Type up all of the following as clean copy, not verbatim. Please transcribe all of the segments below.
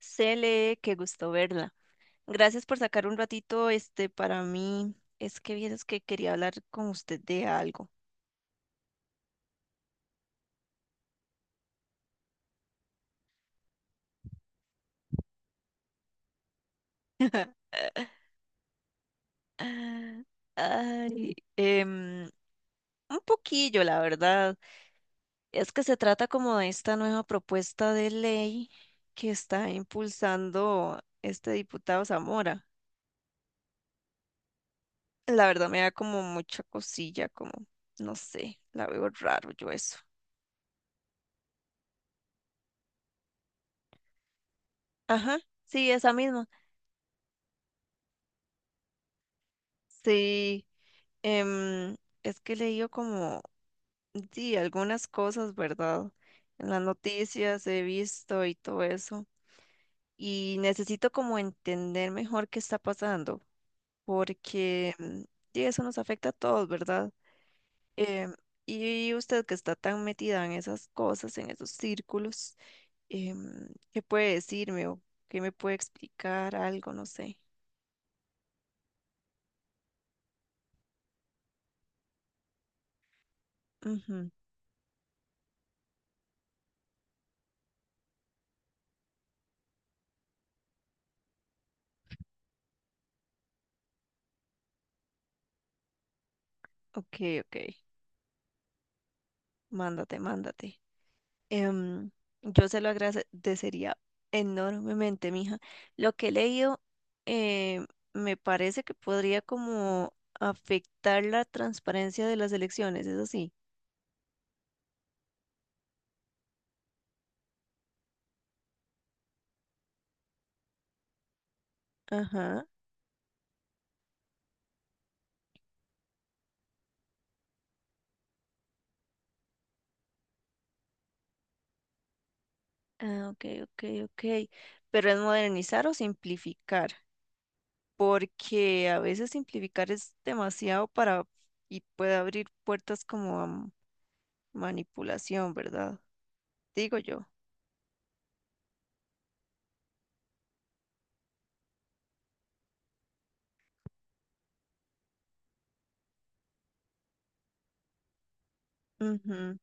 Cele, qué gusto verla. Gracias por sacar un ratito este para mí. Es que vieras que quería hablar con usted de algo. Ay, un poquillo, la verdad. Es que se trata como de esta nueva propuesta de ley que está impulsando este diputado Zamora. La verdad me da como mucha cosilla, como, no sé, la veo raro yo eso. Ajá, sí, esa misma. Sí. Em, es que he leído como, sí, algunas cosas, ¿verdad? En las noticias he visto y todo eso. Y necesito como entender mejor qué está pasando, porque sí, eso nos afecta a todos, ¿verdad? Em, y usted que está tan metida en esas cosas, en esos círculos, ¿qué puede decirme o qué me puede explicar algo? No sé. Ujú. Ok, ok. Mándate. em, yo se lo agradecería enormemente, mija. Lo que he leído eh, me parece que podría como afectar la transparencia de las elecciones, ¿es así? Ajá. Ah, ok, ok, ok. Pero ¿es modernizar o simplificar? Porque a veces simplificar es demasiado para y puede abrir puertas como a manipulación, ¿verdad? Digo yo. Ujú.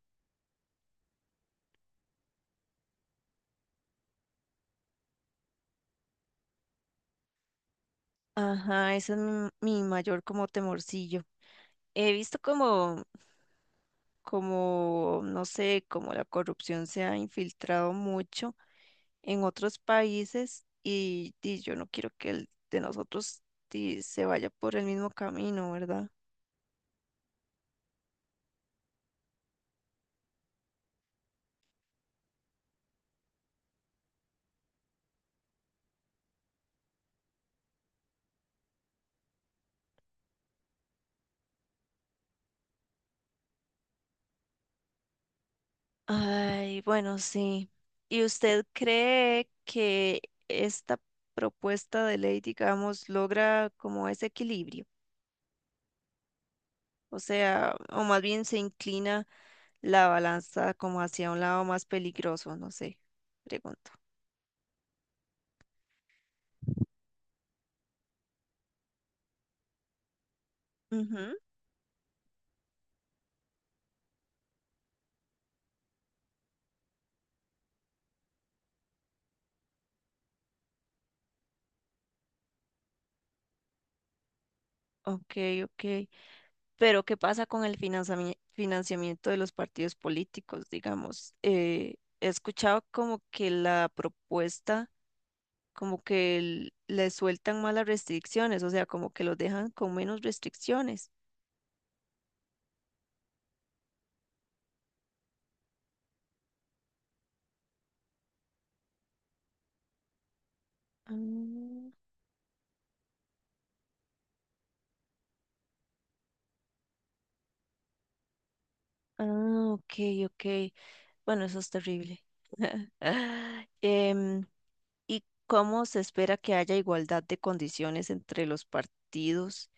Ajá, ese es mi mayor como temorcillo. He visto como, como, no sé, como la corrupción se ha infiltrado mucho en otros países y, di, yo no quiero que el de nosotros, di, se vaya por el mismo camino, ¿verdad? Ay, bueno, sí. ¿Y usted cree que esta propuesta de ley, digamos, logra como ese equilibrio? O sea, ¿o más bien se inclina la balanza como hacia un lado más peligroso? No sé, pregunto. Ok, ok. Pero ¿qué pasa con el financiamiento de los partidos políticos, digamos? He escuchado como que la propuesta, como que le sueltan más las restricciones, o sea, como que los dejan con menos restricciones. Ah, ah, ok, ok. Bueno, eso es terrible. Em, ¿Y cómo se espera que haya igualdad de condiciones entre los partidos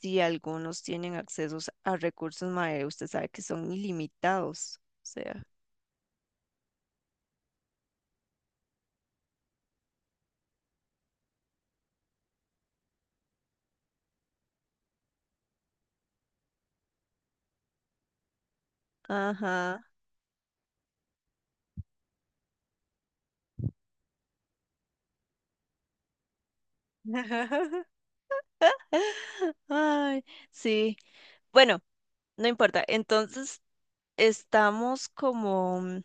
si algunos tienen accesos a recursos, mae? Usted sabe que son ilimitados, o sea, ajá. Ay, sí. Bueno, no importa. Entonces, estamos como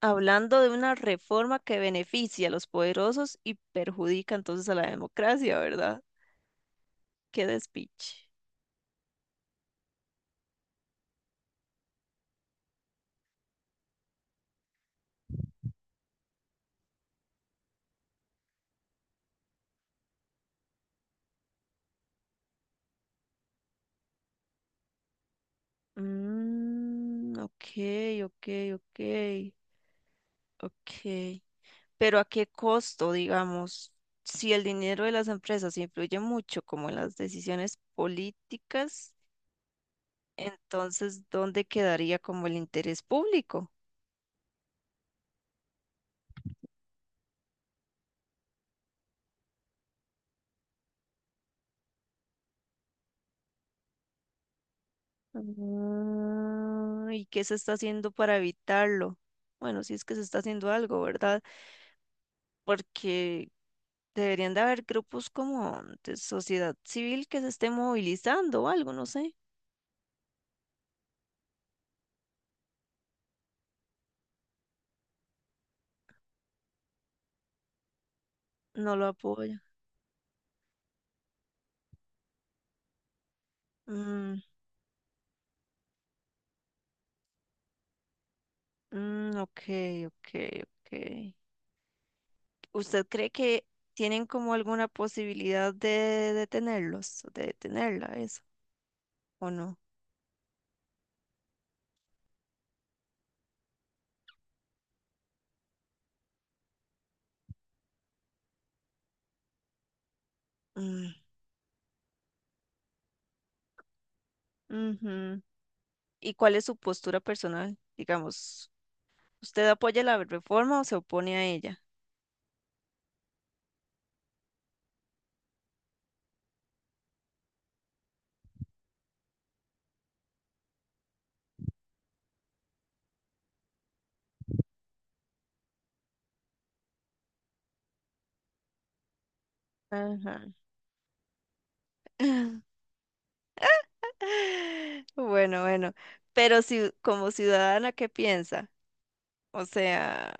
hablando de una reforma que beneficia a los poderosos y perjudica entonces a la democracia, ¿verdad? Qué despiche. Mm, ok, ok, ok, ok. Pero ¿a qué costo, digamos? Si el dinero de las empresas influye mucho como en las decisiones políticas, entonces ¿dónde quedaría como el interés público? Ah, ¿y qué se está haciendo para evitarlo? Bueno, si es que se está haciendo algo, ¿verdad? Porque deberían de haber grupos como de sociedad civil que se esté movilizando o algo, no sé. No lo apoyan. Mm, mm, ok, ok, ok. ¿Usted cree que tienen como alguna posibilidad de detenerlos, de detenerla, eso, o no? Mm, ujú. ¿Y cuál es su postura personal? Digamos, ¿usted apoya la reforma o se opone a ella? Ajá. Bueno, bueno, pero si como ciudadana, ¿qué piensa? O sea,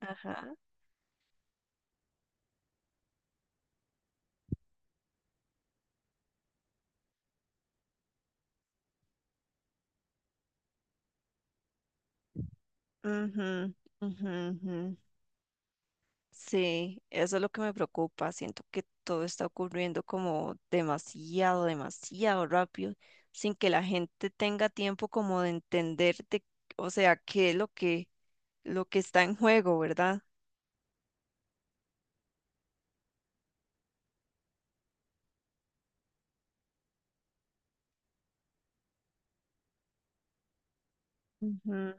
ajá. Ujú, ujú, ujú. Sí, eso es lo que me preocupa. Siento que todo está ocurriendo como demasiado, demasiado rápido, sin que la gente tenga tiempo como de o sea, qué es lo que está en juego, ¿verdad? Ujú.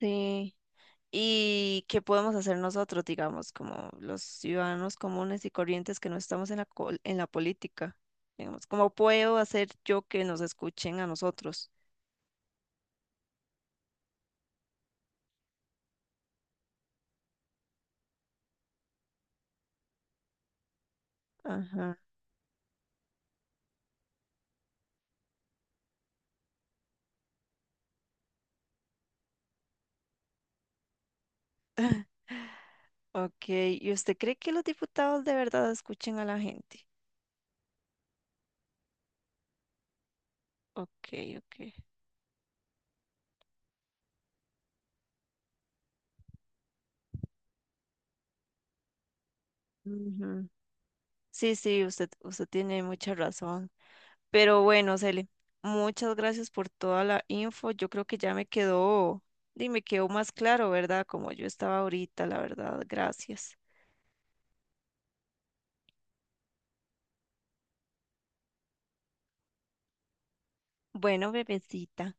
Sí. ¿Y qué podemos hacer nosotros, digamos, como los ciudadanos comunes y corrientes que no estamos en la, en la política? Digamos, ¿cómo puedo hacer yo que nos escuchen a nosotros? Ajá. Ok, ¿y usted cree que los diputados de verdad escuchen a la gente? Ok, ok. Ujú. Sí, sí, usted tiene mucha razón. Pero bueno, Cele, muchas gracias por toda la info. Yo creo que ya me quedó, y me quedó más claro, ¿verdad? Como yo estaba ahorita, la verdad. Gracias. Bueno, bebecita.